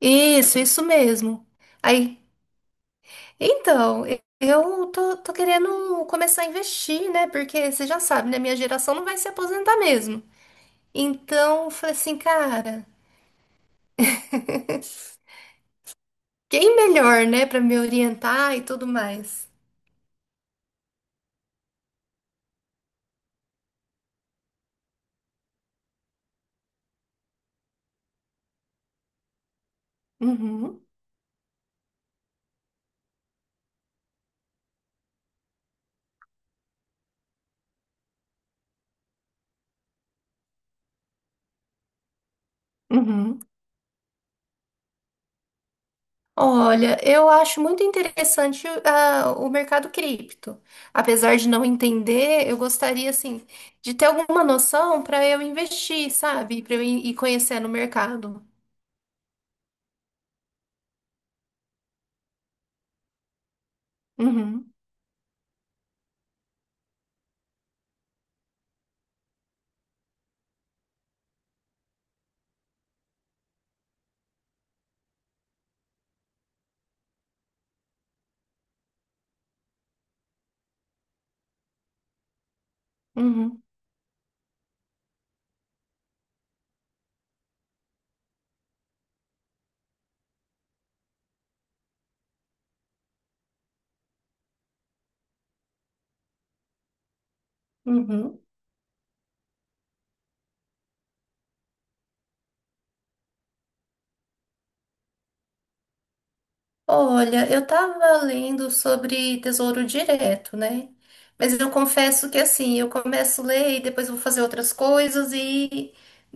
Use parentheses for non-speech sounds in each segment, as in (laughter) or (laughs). Isso mesmo. Aí, então, eu tô querendo começar a investir, né? Porque você já sabe, né? Minha geração não vai se aposentar mesmo. Então, eu falei assim, cara, (laughs) quem melhor, né, pra me orientar e tudo mais? Uhum, uhum. Olha, eu acho muito interessante o mercado cripto. Apesar de não entender, eu gostaria, assim, de ter alguma noção para eu investir, sabe? Para eu ir conhecendo o mercado. Uhum, uhum, uhum. Olha, eu estava lendo sobre Tesouro Direto, né? Mas eu confesso que assim, eu começo a ler e depois vou fazer outras coisas e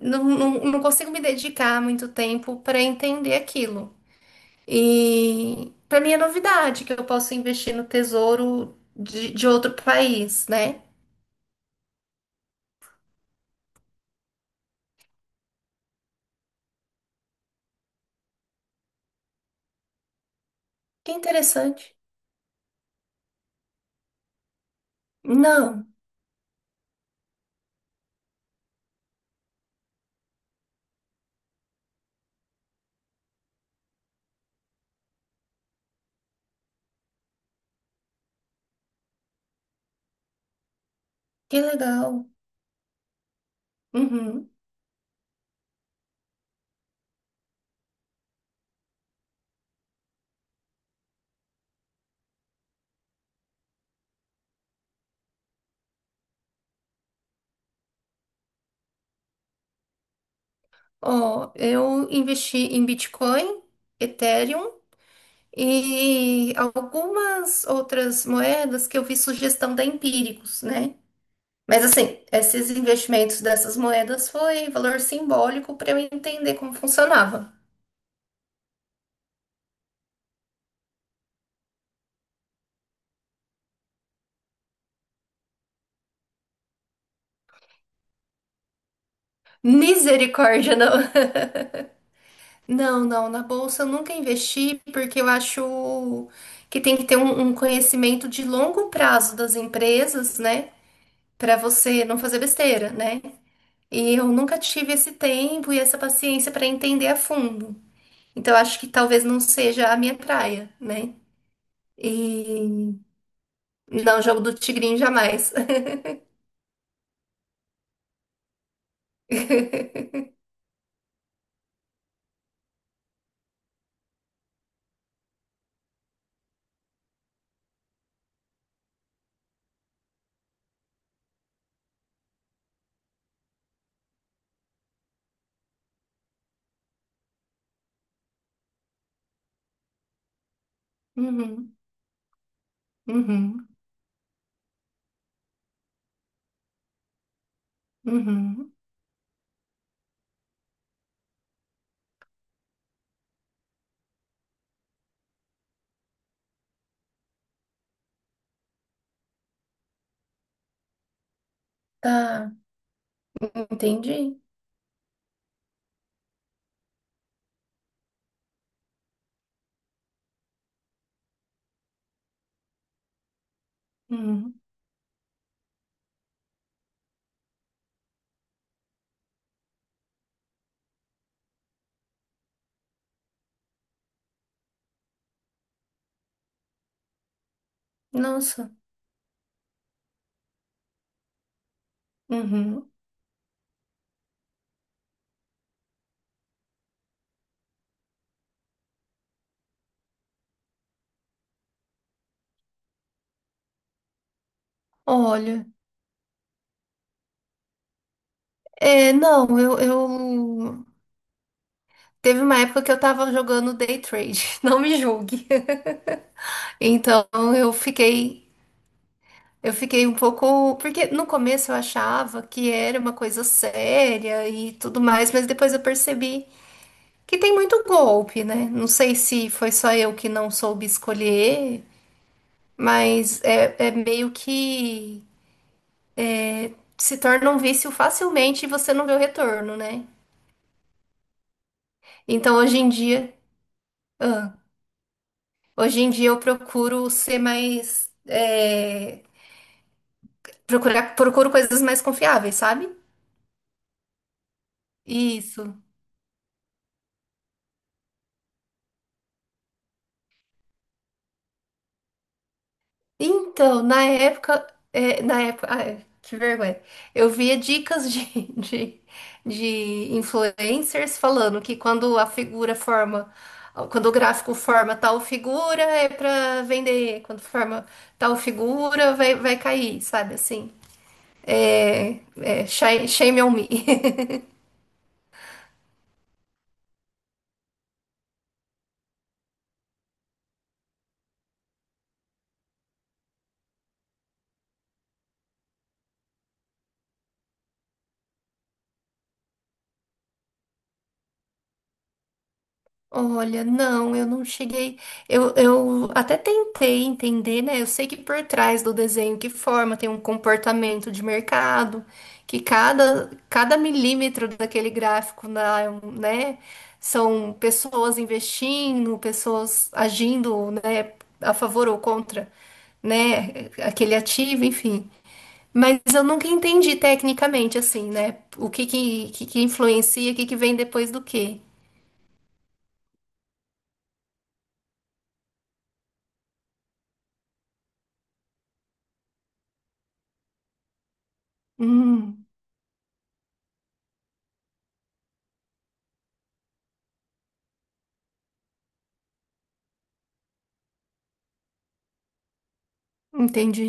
não consigo me dedicar muito tempo para entender aquilo. E para mim é novidade que eu posso investir no tesouro de outro país, né? Que interessante. Não, que legal. Uhum. Ó, eu investi em Bitcoin. Ethereum e algumas outras moedas que eu vi sugestão da Empíricos, né? Mas assim, esses investimentos dessas moedas foi valor simbólico para eu entender como funcionava. Misericórdia, não. (laughs) Não, não, na bolsa eu nunca investi porque eu acho que tem que ter um conhecimento de longo prazo das empresas, né? Para você não fazer besteira, né? E eu nunca tive esse tempo e essa paciência para entender a fundo. Então acho que talvez não seja a minha praia, né? E não, jogo do tigrinho jamais. (laughs) Uhum, uhum, uhum. Tá, entendi. Uhum. Nossa. Uhum. Olha, é, não, eu... Teve uma época que eu tava jogando day trade, (laughs) não me julgue. Então eu fiquei, eu fiquei um pouco, porque no começo eu achava que era uma coisa séria e tudo mais, mas depois eu percebi que tem muito golpe, né? Não sei se foi só eu que não soube escolher, mas é, é meio que se torna um vício facilmente e você não vê o retorno, né? Então hoje em dia, ah, hoje em dia eu procuro ser mais, é, procurar, procuro coisas mais confiáveis, sabe? Isso. Então, na época, é, na época, ah, é, que vergonha. Eu via dicas de, (laughs) de, de influencers falando que quando a figura forma, quando o gráfico forma tal figura, é pra vender. Quando forma tal figura, vai cair, sabe assim? É, é, shame shame on me. (laughs) Olha, não, eu não cheguei. Eu até tentei entender, né? Eu sei que por trás do desenho que forma tem um comportamento de mercado, que cada milímetro daquele gráfico, na- né? São pessoas investindo, pessoas agindo, né? A favor ou contra, né? Aquele ativo, enfim. Mas eu nunca entendi tecnicamente, assim, né? O que influencia, o que que vem depois do quê. Hum. Entendi.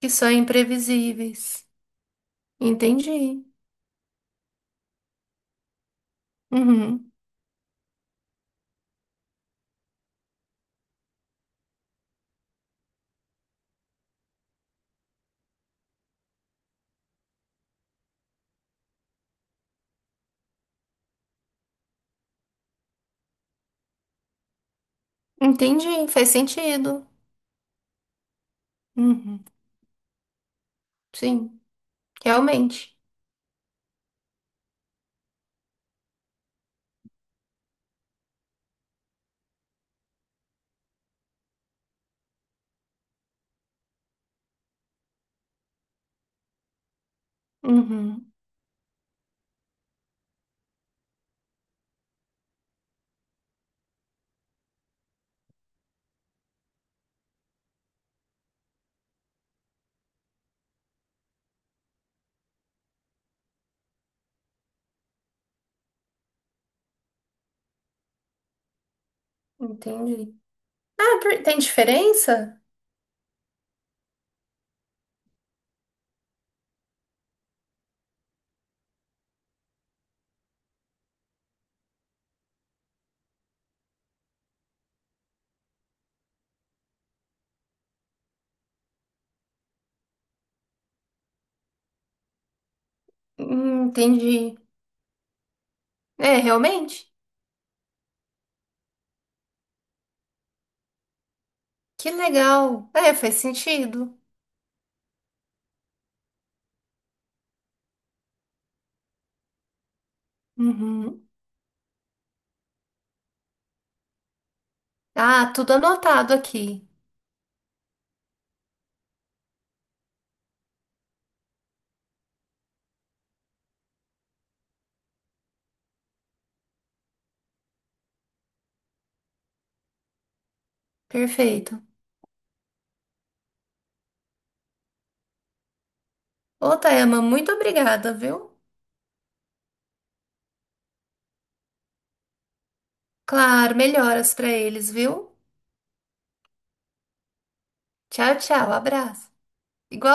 Que são imprevisíveis. Entendi. Uhum. Entendi. Faz sentido. Uhum. Sim, realmente. Uhum. Entendi. Ah, por- tem diferença? Entendi. É, realmente? Que legal. É, faz sentido. Uhum. Ah, tudo anotado aqui. Perfeito. Ô, Tayama, muito obrigada, viu? Claro, melhoras pra eles, viu? Tchau, tchau. Abraço. Igual